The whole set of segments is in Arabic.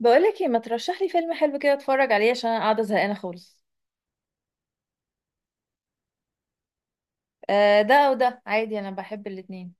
بقولك ايه ما ترشح لي فيلم حلو كده اتفرج عليه عشان انا قاعده زهقانه خالص. آه، ده او ده عادي، انا بحب الاتنين.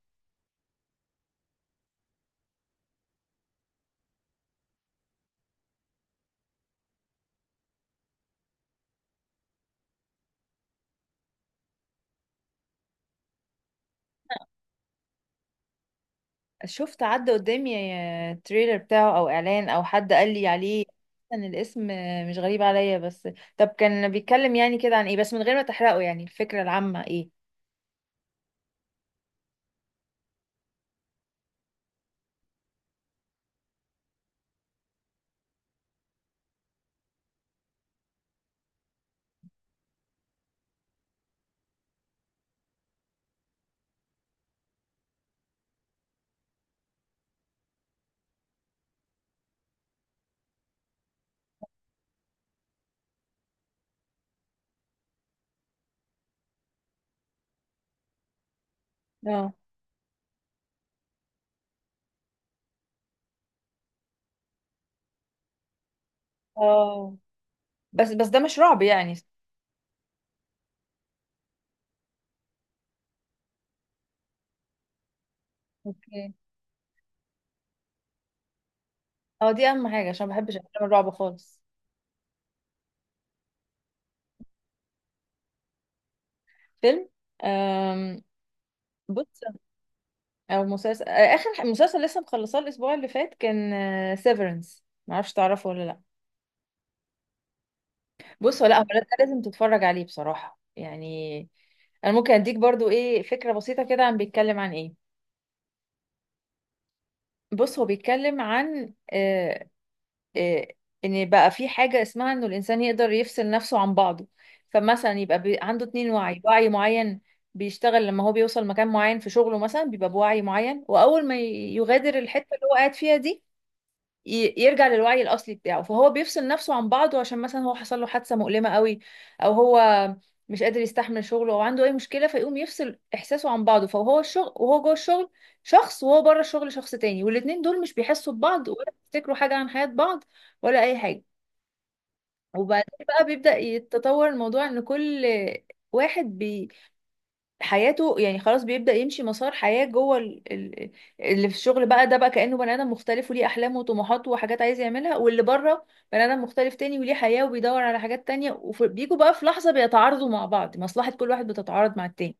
شفت عدى قدامي تريلر بتاعه او اعلان او حد قال لي عليه، ان الاسم مش غريب عليا، بس طب كان بيتكلم يعني كده عن ايه؟ بس من غير ما تحرقه، يعني الفكره العامه ايه؟ اه، اه. بس ده مش رعب يعني؟ اوكي. اه، دي اهم حاجه عشان ما بحبش افلام الرعب خالص. فيلم، آم، بص، او مسلسل، اخر مسلسل لسه مخلصاه الاسبوع اللي فات كان سيفرنس، معرفش تعرفه ولا لا. بص، ولا هو ده لازم تتفرج عليه بصراحة يعني. انا ممكن اديك برضو ايه فكرة بسيطة كده عن بيتكلم عن ايه. بص، هو بيتكلم عن آه ان بقى في حاجة اسمها انه الانسان يقدر يفصل نفسه عن بعضه. فمثلا يبقى عنده اتنين وعي، وعي معين بيشتغل لما هو بيوصل مكان معين في شغله، مثلا بيبقى بوعي معين، واول ما يغادر الحتة اللي هو قاعد فيها دي يرجع للوعي الاصلي بتاعه. فهو بيفصل نفسه عن بعضه عشان مثلا هو حصل له حادثه مؤلمه قوي، او هو مش قادر يستحمل شغله، او عنده اي مشكله، فيقوم يفصل احساسه عن بعضه. فهو الشغل وهو جوه الشغل شخص، وهو بره الشغل شخص تاني، والاتنين دول مش بيحسوا ببعض ولا بيفتكروا حاجه عن حياه بعض ولا اي حاجه. وبعدين بقى بيبدا يتطور الموضوع ان كل واحد حياته يعني خلاص بيبدأ يمشي مسار حياة جوه اللي في الشغل بقى ده بقى كأنه بني آدم مختلف وليه أحلام وطموحات وحاجات عايز يعملها، واللي بره بني آدم مختلف تاني وليه حياة وبيدور على حاجات تانية. وبيجوا بقى في لحظة بيتعارضوا مع بعض، مصلحة كل واحد بتتعارض مع التاني.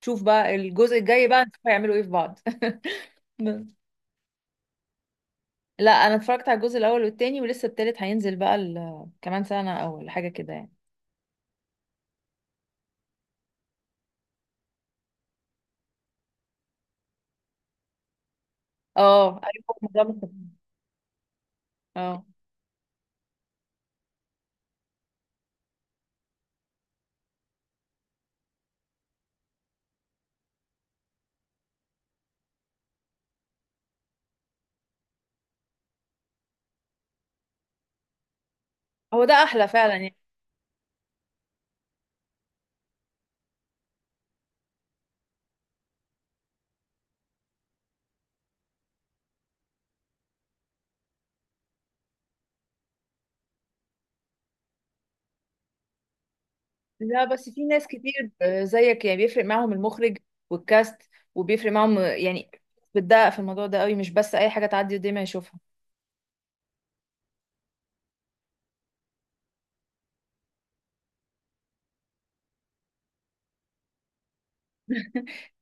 شوف بقى الجزء الجاي بقى نشوف هيعملوا ايه في بعض. بس. لا، انا اتفرجت على الجزء الاول والتاني، ولسه التالت هينزل بقى كمان سنة او حاجة كده يعني. اه، ايوه، الموضوع مختلف. اه، هو ده احلى فعلا يعني. لا بس في ناس كتير زيك يعني بيفرق معاهم المخرج والكاست، وبيفرق معاهم يعني بتدقق في الموضوع ده قوي، مش بس اي حاجه تعدي قدامي اشوفها.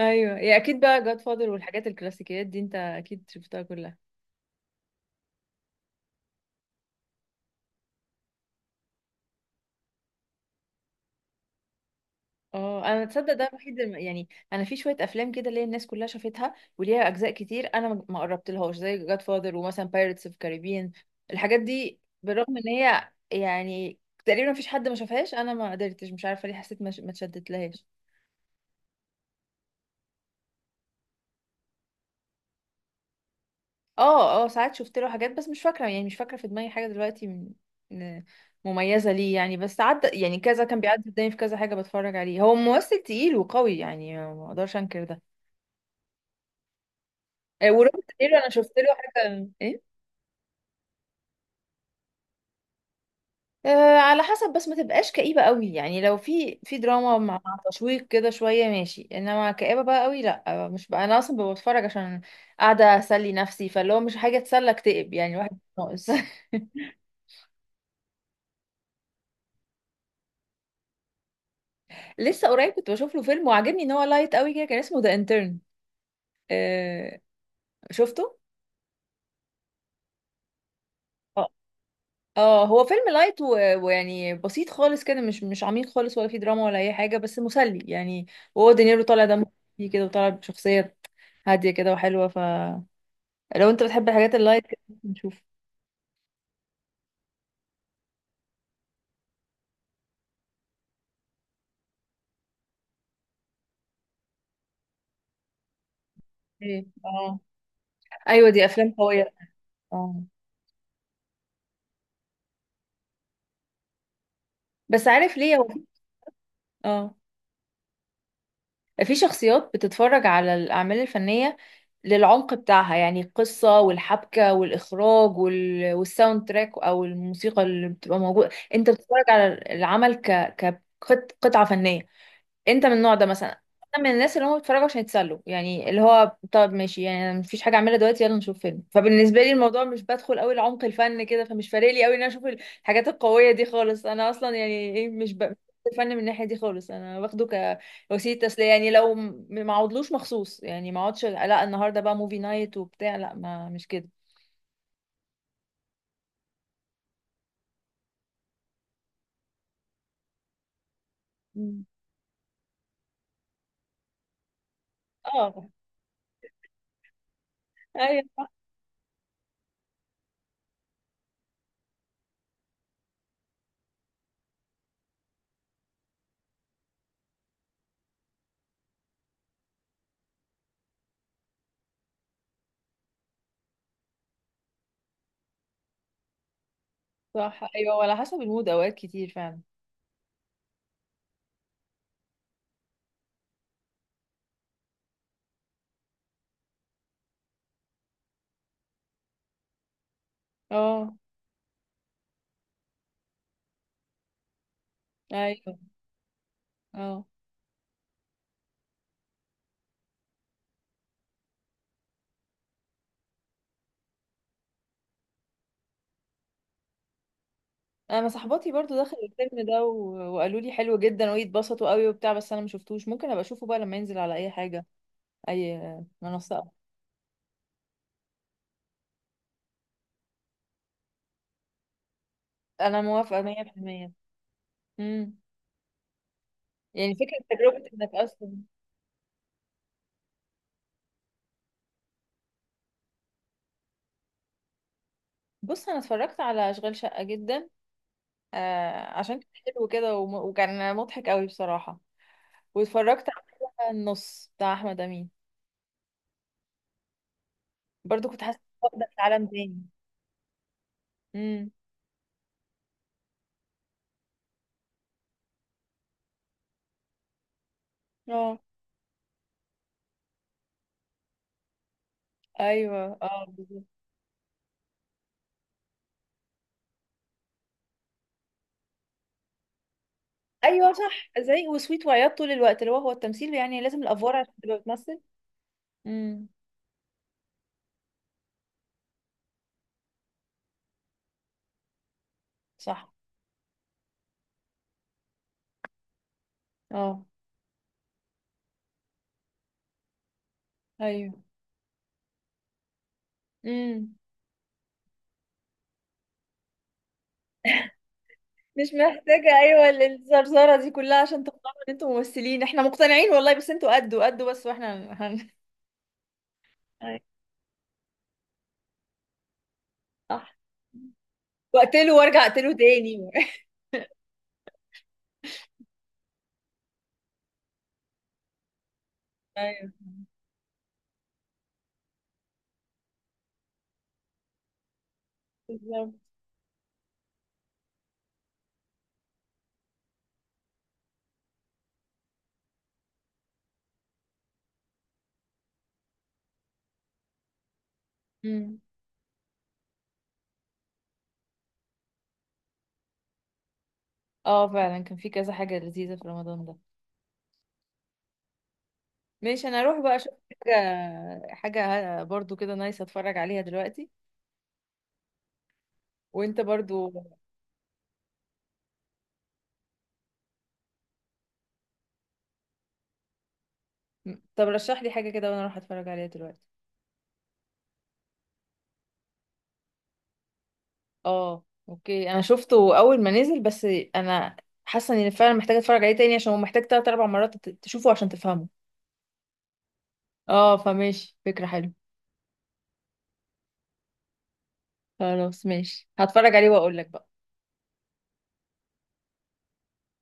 ايوه، يا اكيد بقى، جاد فاضل والحاجات الكلاسيكيات دي انت اكيد شفتها كلها. اه، انا تصدق ده الوحيد يعني انا في شويه افلام كده اللي هي الناس كلها شافتها وليها اجزاء كتير، انا ما قربتلهاش، زي جاد فاضل ومثلا بايرتس اوف كاريبيان، الحاجات دي، بالرغم ان هي يعني تقريبا مفيش حد ما شافهاش، انا ما قدرتش، مش عارفه ليه حسيت ما اتشدت لهاش. اه، اه. ساعات شفت له حاجات بس مش فاكرة يعني، مش فاكرة في دماغي حاجة دلوقتي م- مميزة ليه يعني، بس عدى يعني، كذا كان بيعدي قدامي في كذا حاجة بتفرج عليه، هو ممثل تقيل وقوي يعني، ما اقدرش انكر ده. وروبرت دينيرو انا شفت له حاجة ايه. على حسب، بس ما تبقاش كئيبة قوي يعني، لو في دراما مع تشويق كده شوية ماشي، انما كئيبة بقى قوي لا، مش بقى، انا اصلا ببقى بتفرج عشان قاعدة اسلي نفسي، فاللي هو مش حاجة تسلى اكتئب يعني، الواحد ناقص. لسه قريب كنت بشوف له فيلم وعجبني ان هو لايت قوي كده، كان اسمه ذا انترن. آه شفته. اه، اه، هو فيلم لايت ويعني بسيط خالص كده، مش عميق خالص، ولا فيه دراما ولا اي حاجه، بس مسلي يعني. وهو دينيرو طالع دمه خفيف كده، وطالع بشخصيه هاديه كده وحلوه. فلو انت بتحب الحاجات اللايت كده ممكن نشوف. ايه، اه ايوه، دي افلام قويه. اه، بس عارف ليه هو؟ اه، في شخصيات بتتفرج على الأعمال الفنية للعمق بتاعها، يعني القصة والحبكة والإخراج والساوند تراك أو الموسيقى اللي بتبقى موجودة، أنت بتتفرج على العمل كقطعة فنية. انت من النوع ده مثلا؟ انا من الناس اللي هم بيتفرجوا عشان يتسلوا يعني، اللي هو طب ماشي يعني، أنا مفيش حاجه اعملها دلوقتي، يلا نشوف فيلم. فبالنسبه لي الموضوع مش بدخل قوي لعمق الفن كده، فمش فارق لي قوي ان انا اشوف الحاجات القويه دي خالص. انا اصلا يعني ايه، مش الفن من الناحيه دي خالص، انا باخده كوسيله تسليه يعني. لو ما اقعدلوش مخصوص يعني، ما اقعدش لا النهارده بقى موفي نايت وبتاع، لا ما مش كده. مم. اه ايوه، صح ايوه، وعلى حسب المود اوقات كتير فعلا. اه، ايوه. اه، انا صاحباتي برضو دخلوا الفيلم ده وقالوا لي حلو جدا ويتبسطوا قوي وبتاع، بس انا ما شفتوش. ممكن ابقى اشوفه بقى لما ينزل على اي حاجه، اي منصه. انا موافقه 100%. امم. يعني فكره تجربه انك اصلا بص، انا اتفرجت على اشغال شقه جدا، عشان كان حلو كده وكان مضحك قوي بصراحه. واتفرجت على النص بتاع احمد امين، برضو كنت حاسه إني واخده في عالم تاني. امم. اه ايوه. اه، ايوه صح، زي وسويت وعياط طول الوقت، اللي هو هو التمثيل يعني لازم الافوار عشان تبقى بتمثل. امم، صح. اه، ايوه. امم، مش محتاجة، ايوه الزرزرة دي كلها عشان تقنعوا ان انتوا ممثلين، احنا مقتنعين والله، بس انتوا قدوا قدوا بس، واحنا أيوة. صح. واقتله وارجع اقتله تاني. ايوه، بالظبط. امم. اه فعلا كان في كذا حاجة لذيذة في رمضان ده. ماشي، انا اروح بقى اشوف حاجة، حاجة برضو كده نايس اتفرج عليها دلوقتي، وانت برضو. طب رشح لي حاجة كده وانا اروح اتفرج عليها دلوقتي. اه اوكي، انا شفته اول ما نزل بس، انا حاسه اني فعلا محتاجه اتفرج عليه تاني، عشان هو محتاج تلات اربع مرات تشوفه عشان تفهمه. اه، فماشي، فكره حلوه. خلاص ماشي، هتفرج عليه واقول لك بقى.